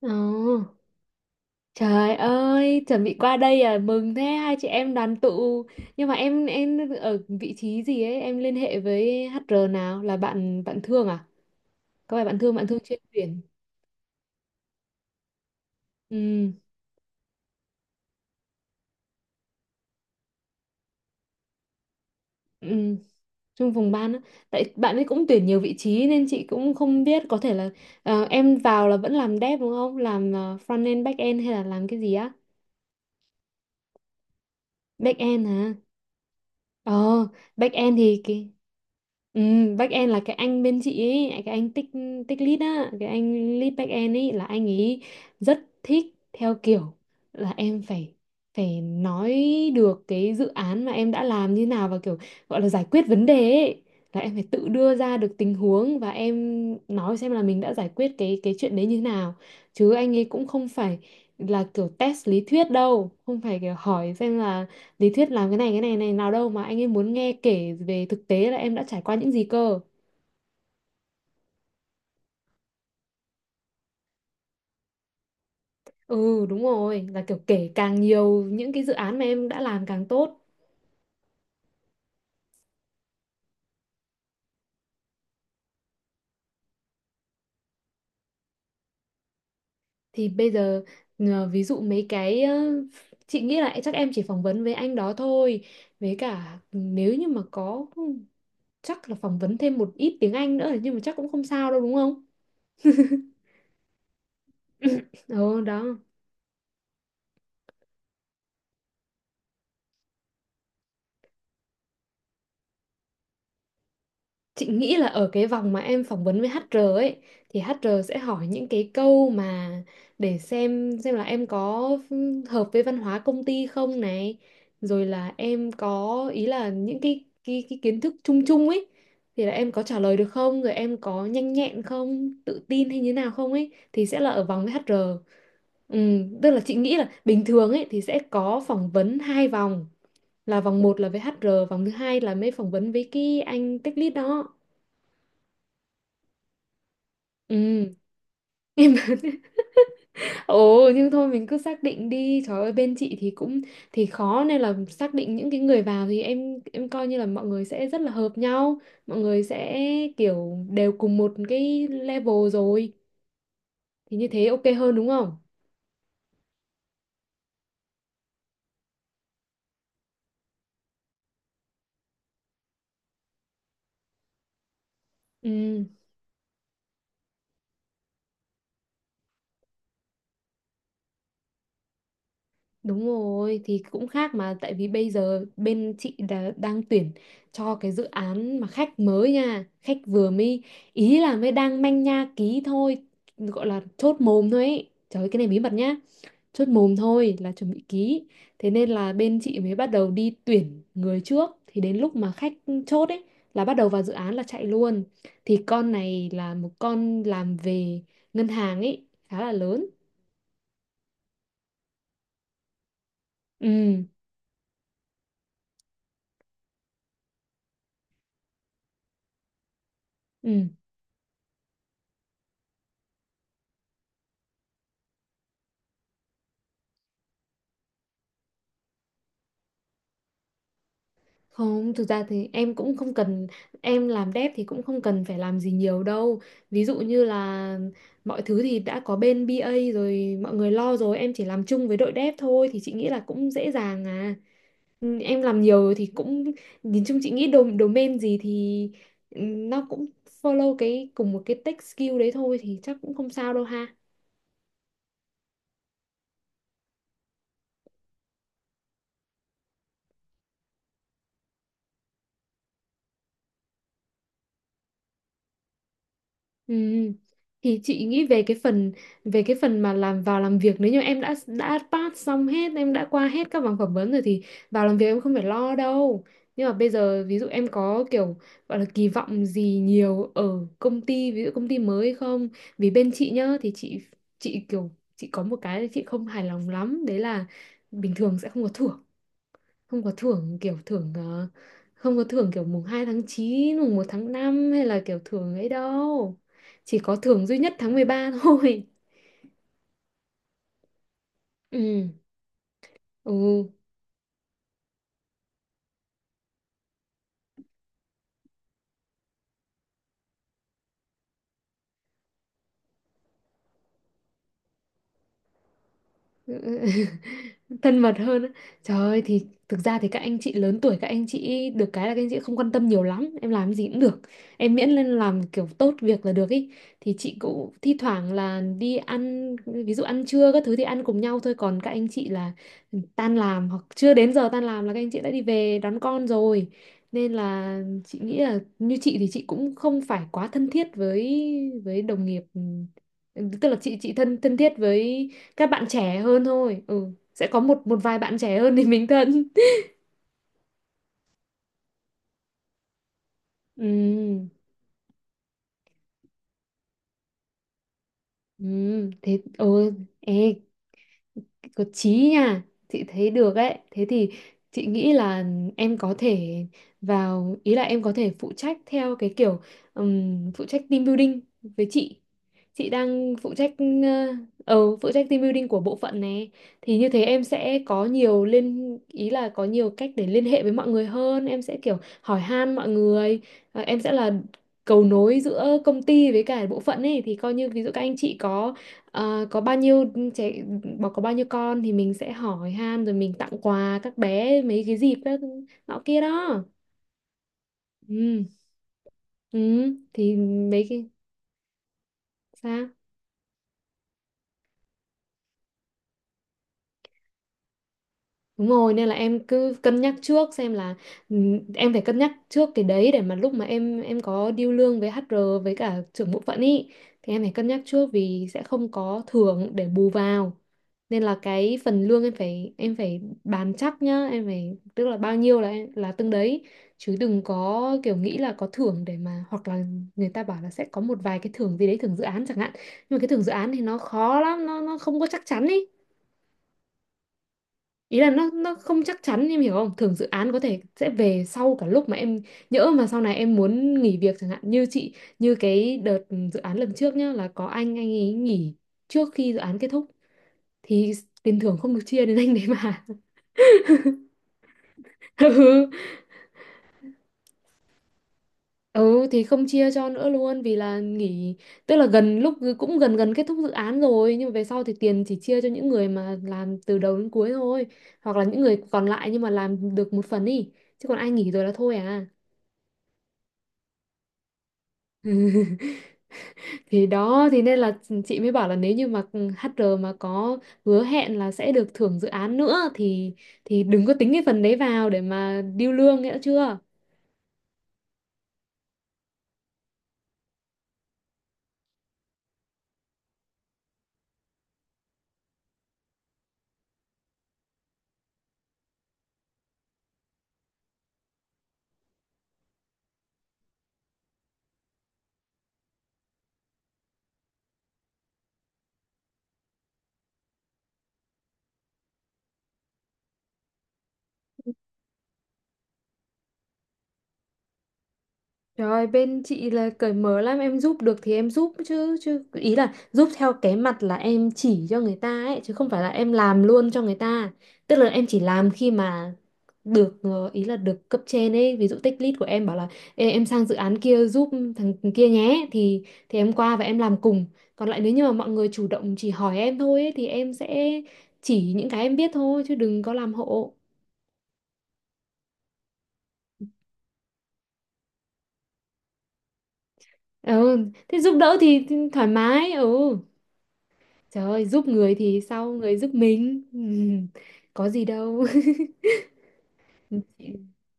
Ồ, trời ơi, chuẩn bị qua đây à, mừng thế hai chị em đoàn tụ. Nhưng mà em ở vị trí gì ấy, em liên hệ với HR nào là bạn bạn Thương à? Có phải bạn Thương chuyên tuyển. Ừ, ừ, trong vùng ban á. Tại bạn ấy cũng tuyển nhiều vị trí nên chị cũng không biết có thể là em vào là vẫn làm dev đúng không? Làm front end back end hay là làm cái gì á? Back end hả? Ờ, back end thì cái ừ, end là cái anh bên chị ấy, cái anh tích tích lead á, cái anh lead end ấy là anh ấy rất thích theo kiểu là em phải phải nói được cái dự án mà em đã làm như nào và kiểu gọi là giải quyết vấn đề ấy. Là em phải tự đưa ra được tình huống và em nói xem là mình đã giải quyết cái chuyện đấy như thế nào. Chứ anh ấy cũng không phải là kiểu test lý thuyết đâu, không phải kiểu hỏi xem là lý thuyết làm cái này này nào đâu mà anh ấy muốn nghe kể về thực tế là em đã trải qua những gì cơ. Ừ, đúng rồi, là kiểu kể càng nhiều những cái dự án mà em đã làm càng tốt. Thì bây giờ ví dụ mấy cái chị nghĩ là chắc em chỉ phỏng vấn với anh đó thôi, với cả nếu như mà có chắc là phỏng vấn thêm một ít tiếng Anh nữa, nhưng mà chắc cũng không sao đâu đúng không. Ừ đó. Chị nghĩ là ở cái vòng mà em phỏng vấn với HR ấy thì HR sẽ hỏi những cái câu mà để xem là em có hợp với văn hóa công ty không này, rồi là em có ý là những cái kiến thức chung chung ấy thì là em có trả lời được không, rồi em có nhanh nhẹn không, tự tin hay như nào không ấy, thì sẽ là ở vòng với HR. Ừ, tức là chị nghĩ là bình thường ấy thì sẽ có phỏng vấn hai vòng, là vòng một là với HR, vòng thứ hai là mới phỏng vấn với cái anh tech lead đó. Ừ, em Ồ, nhưng thôi mình cứ xác định đi. Trời ơi, bên chị thì cũng thì khó, nên là xác định những cái người vào thì em coi như là mọi người sẽ rất là hợp nhau. Mọi người sẽ kiểu đều cùng một cái level rồi, thì như thế ok hơn đúng không. Ừ, đúng rồi thì cũng khác, mà tại vì bây giờ bên chị đã, đang tuyển cho cái dự án mà khách mới nha, khách vừa mới, ý là mới đang manh nha ký thôi, gọi là chốt mồm thôi ấy. Trời ơi, cái này bí mật nhá, chốt mồm thôi là chuẩn bị ký. Thế nên là bên chị mới bắt đầu đi tuyển người trước, thì đến lúc mà khách chốt ấy là bắt đầu vào dự án là chạy luôn. Thì con này là một con làm về ngân hàng ấy, khá là lớn. Ừ, ừ. Không, thực ra thì em cũng không cần, em làm dev thì cũng không cần phải làm gì nhiều đâu. Ví dụ như là mọi thứ thì đã có bên BA rồi, mọi người lo rồi, em chỉ làm chung với đội dev thôi, thì chị nghĩ là cũng dễ dàng à. Ừ, em làm nhiều rồi thì cũng nhìn chung chị nghĩ domain gì thì nó cũng follow cái cùng một cái tech skill đấy thôi, thì chắc cũng không sao đâu ha. Ừ. Thì chị nghĩ về cái phần, về cái phần mà làm vào làm việc, nếu như em đã pass xong hết, em đã qua hết các vòng phỏng vấn rồi thì vào làm việc em không phải lo đâu. Nhưng mà bây giờ ví dụ em có kiểu gọi là kỳ vọng gì nhiều ở công ty, ví dụ công ty mới không, vì bên chị nhá thì chị kiểu chị có một cái chị không hài lòng lắm đấy là bình thường sẽ không có thưởng, không có thưởng kiểu thưởng không có thưởng kiểu mùng 2 tháng 9, mùng 1 tháng 5 hay là kiểu thưởng ấy đâu. Chỉ có thưởng duy nhất tháng 13 thôi. Ừ. Ừ. Ừ, ừ. Thân mật hơn á. Trời ơi, thì thực ra thì các anh chị lớn tuổi, các anh chị được cái là các anh chị không quan tâm nhiều lắm em làm gì cũng được, em miễn lên làm kiểu tốt việc là được ý. Thì chị cũng thi thoảng là đi ăn, ví dụ ăn trưa các thứ thì ăn cùng nhau thôi, còn các anh chị là tan làm hoặc chưa đến giờ tan làm là các anh chị đã đi về đón con rồi. Nên là chị nghĩ là như chị thì chị cũng không phải quá thân thiết với đồng nghiệp. Ừ, tức là chị thân thân thiết với các bạn trẻ hơn thôi. Ừ, sẽ có một một vài bạn trẻ hơn thì mình thân. Ừ, ừ, thế ừ, ê, có chí nha, chị thấy được ấy. Thế thì chị nghĩ là em có thể vào, ý là em có thể phụ trách theo cái kiểu phụ trách team building với chị đang phụ trách. Ờ, phụ trách team building của bộ phận này, thì như thế em sẽ có nhiều liên, ý là có nhiều cách để liên hệ với mọi người hơn, em sẽ kiểu hỏi han mọi người. Ờ, em sẽ là cầu nối giữa công ty với cả bộ phận ấy, thì coi như ví dụ các anh chị có, ờ, có bao nhiêu trẻ, bảo có bao nhiêu con thì mình sẽ hỏi han rồi mình tặng quà các bé mấy cái dịp đó nọ kia đó. Ừ, ừ, thì mấy cái sao. Đúng rồi, nên là em cứ cân nhắc trước xem là ừ, em phải cân nhắc trước cái đấy để mà lúc mà em có deal lương với HR với cả trưởng bộ phận ý thì em phải cân nhắc trước, vì sẽ không có thưởng để bù vào. Nên là cái phần lương em phải bàn chắc nhá, em phải, tức là bao nhiêu là từng đấy, chứ đừng có kiểu nghĩ là có thưởng để mà, hoặc là người ta bảo là sẽ có một vài cái thưởng gì đấy, thưởng dự án chẳng hạn. Nhưng mà cái thưởng dự án thì nó khó lắm, nó không có chắc chắn ý. Ý là nó không chắc chắn em hiểu không, thường dự án có thể sẽ về sau cả lúc mà em, nhỡ mà sau này em muốn nghỉ việc chẳng hạn, như chị, như cái đợt dự án lần trước nhá, là có anh ấy nghỉ trước khi dự án kết thúc, thì tiền thưởng không được chia đến anh đấy mà. Ừ, ừ, thì không chia cho nữa luôn vì là nghỉ, tức là gần lúc cũng gần gần kết thúc dự án rồi, nhưng mà về sau thì tiền chỉ chia cho những người mà làm từ đầu đến cuối thôi, hoặc là những người còn lại nhưng mà làm được một phần đi, chứ còn ai nghỉ rồi là thôi à. Thì đó, thì nên là chị mới bảo là nếu như mà HR mà có hứa hẹn là sẽ được thưởng dự án nữa thì đừng có tính cái phần đấy vào để mà điêu lương, nghĩa chưa. Trời, bên chị là cởi mở lắm, em giúp được thì em giúp chứ, chứ ý là giúp theo cái mặt là em chỉ cho người ta ấy, chứ không phải là em làm luôn cho người ta. Tức là em chỉ làm khi mà được ý là được cấp trên ấy, ví dụ tech lead của em bảo là ê, em sang dự án kia giúp thằng kia nhé, thì em qua và em làm cùng. Còn lại nếu như mà mọi người chủ động chỉ hỏi em thôi ấy, thì em sẽ chỉ những cái em biết thôi chứ đừng có làm hộ. Ừ, thế giúp đỡ thì thoải mái. Ừ. Trời ơi, giúp người thì sau người giúp mình. Ừ, có gì đâu.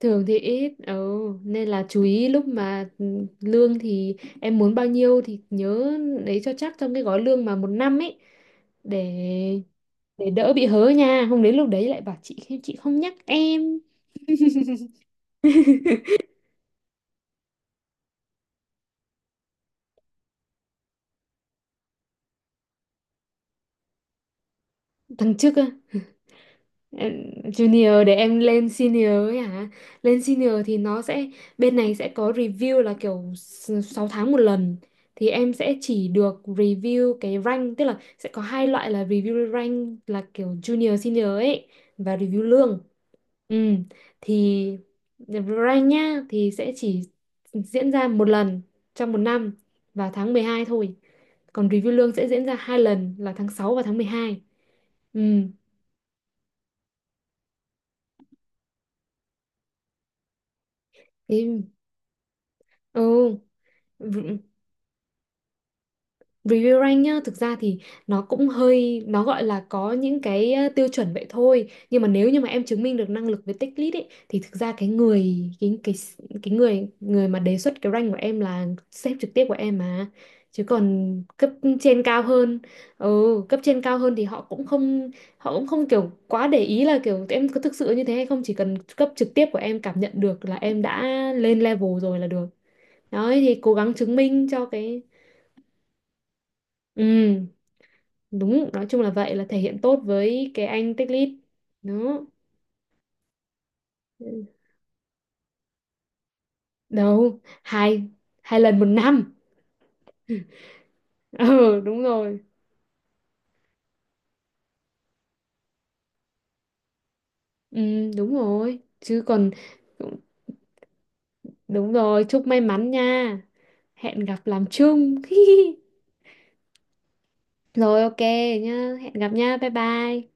Thường thì ít, nên là chú ý lúc mà lương thì em muốn bao nhiêu thì nhớ lấy cho chắc trong cái gói lương mà một năm ấy, để để đỡ bị hớ nha. Không đến lúc đấy lại bảo chị không nhắc em. Thằng trước. Ờ, junior để em lên senior ấy hả? Lên senior thì nó sẽ, bên này sẽ có review là kiểu 6 tháng một lần, thì em sẽ chỉ được review cái rank, tức là sẽ có hai loại là review rank là kiểu junior senior ấy và review lương. Ừ. Thì rank nhá thì sẽ chỉ diễn ra một lần trong một năm và tháng 12 thôi. Còn review lương sẽ diễn ra 2 lần là tháng 6 và tháng 12. Ừ. Thế- Ừ. Review rank nhá, thực ra thì nó cũng hơi, nó gọi là có những cái tiêu chuẩn vậy thôi. Nhưng mà nếu như mà em chứng minh được năng lực với tích lũy ấy, thì thực ra cái người, cái, cái người người mà đề xuất cái rank của em là sếp trực tiếp của em mà. Chứ còn cấp trên cao hơn, ừ, cấp trên cao hơn thì họ cũng không kiểu quá để ý là kiểu em có thực sự như thế hay không. Chỉ cần cấp trực tiếp của em cảm nhận được là em đã lên level rồi là được. Đấy thì cố gắng chứng minh cho cái... Ừ, đúng nói chung là vậy, là thể hiện tốt với cái anh Tích Lít đó, đâu, hai hai lần một năm. Ừ, đúng rồi. Ừ, đúng rồi chứ còn. Đúng rồi, chúc may mắn nha, hẹn gặp làm chung. Rồi ok nhá, hẹn gặp nha, bye bye.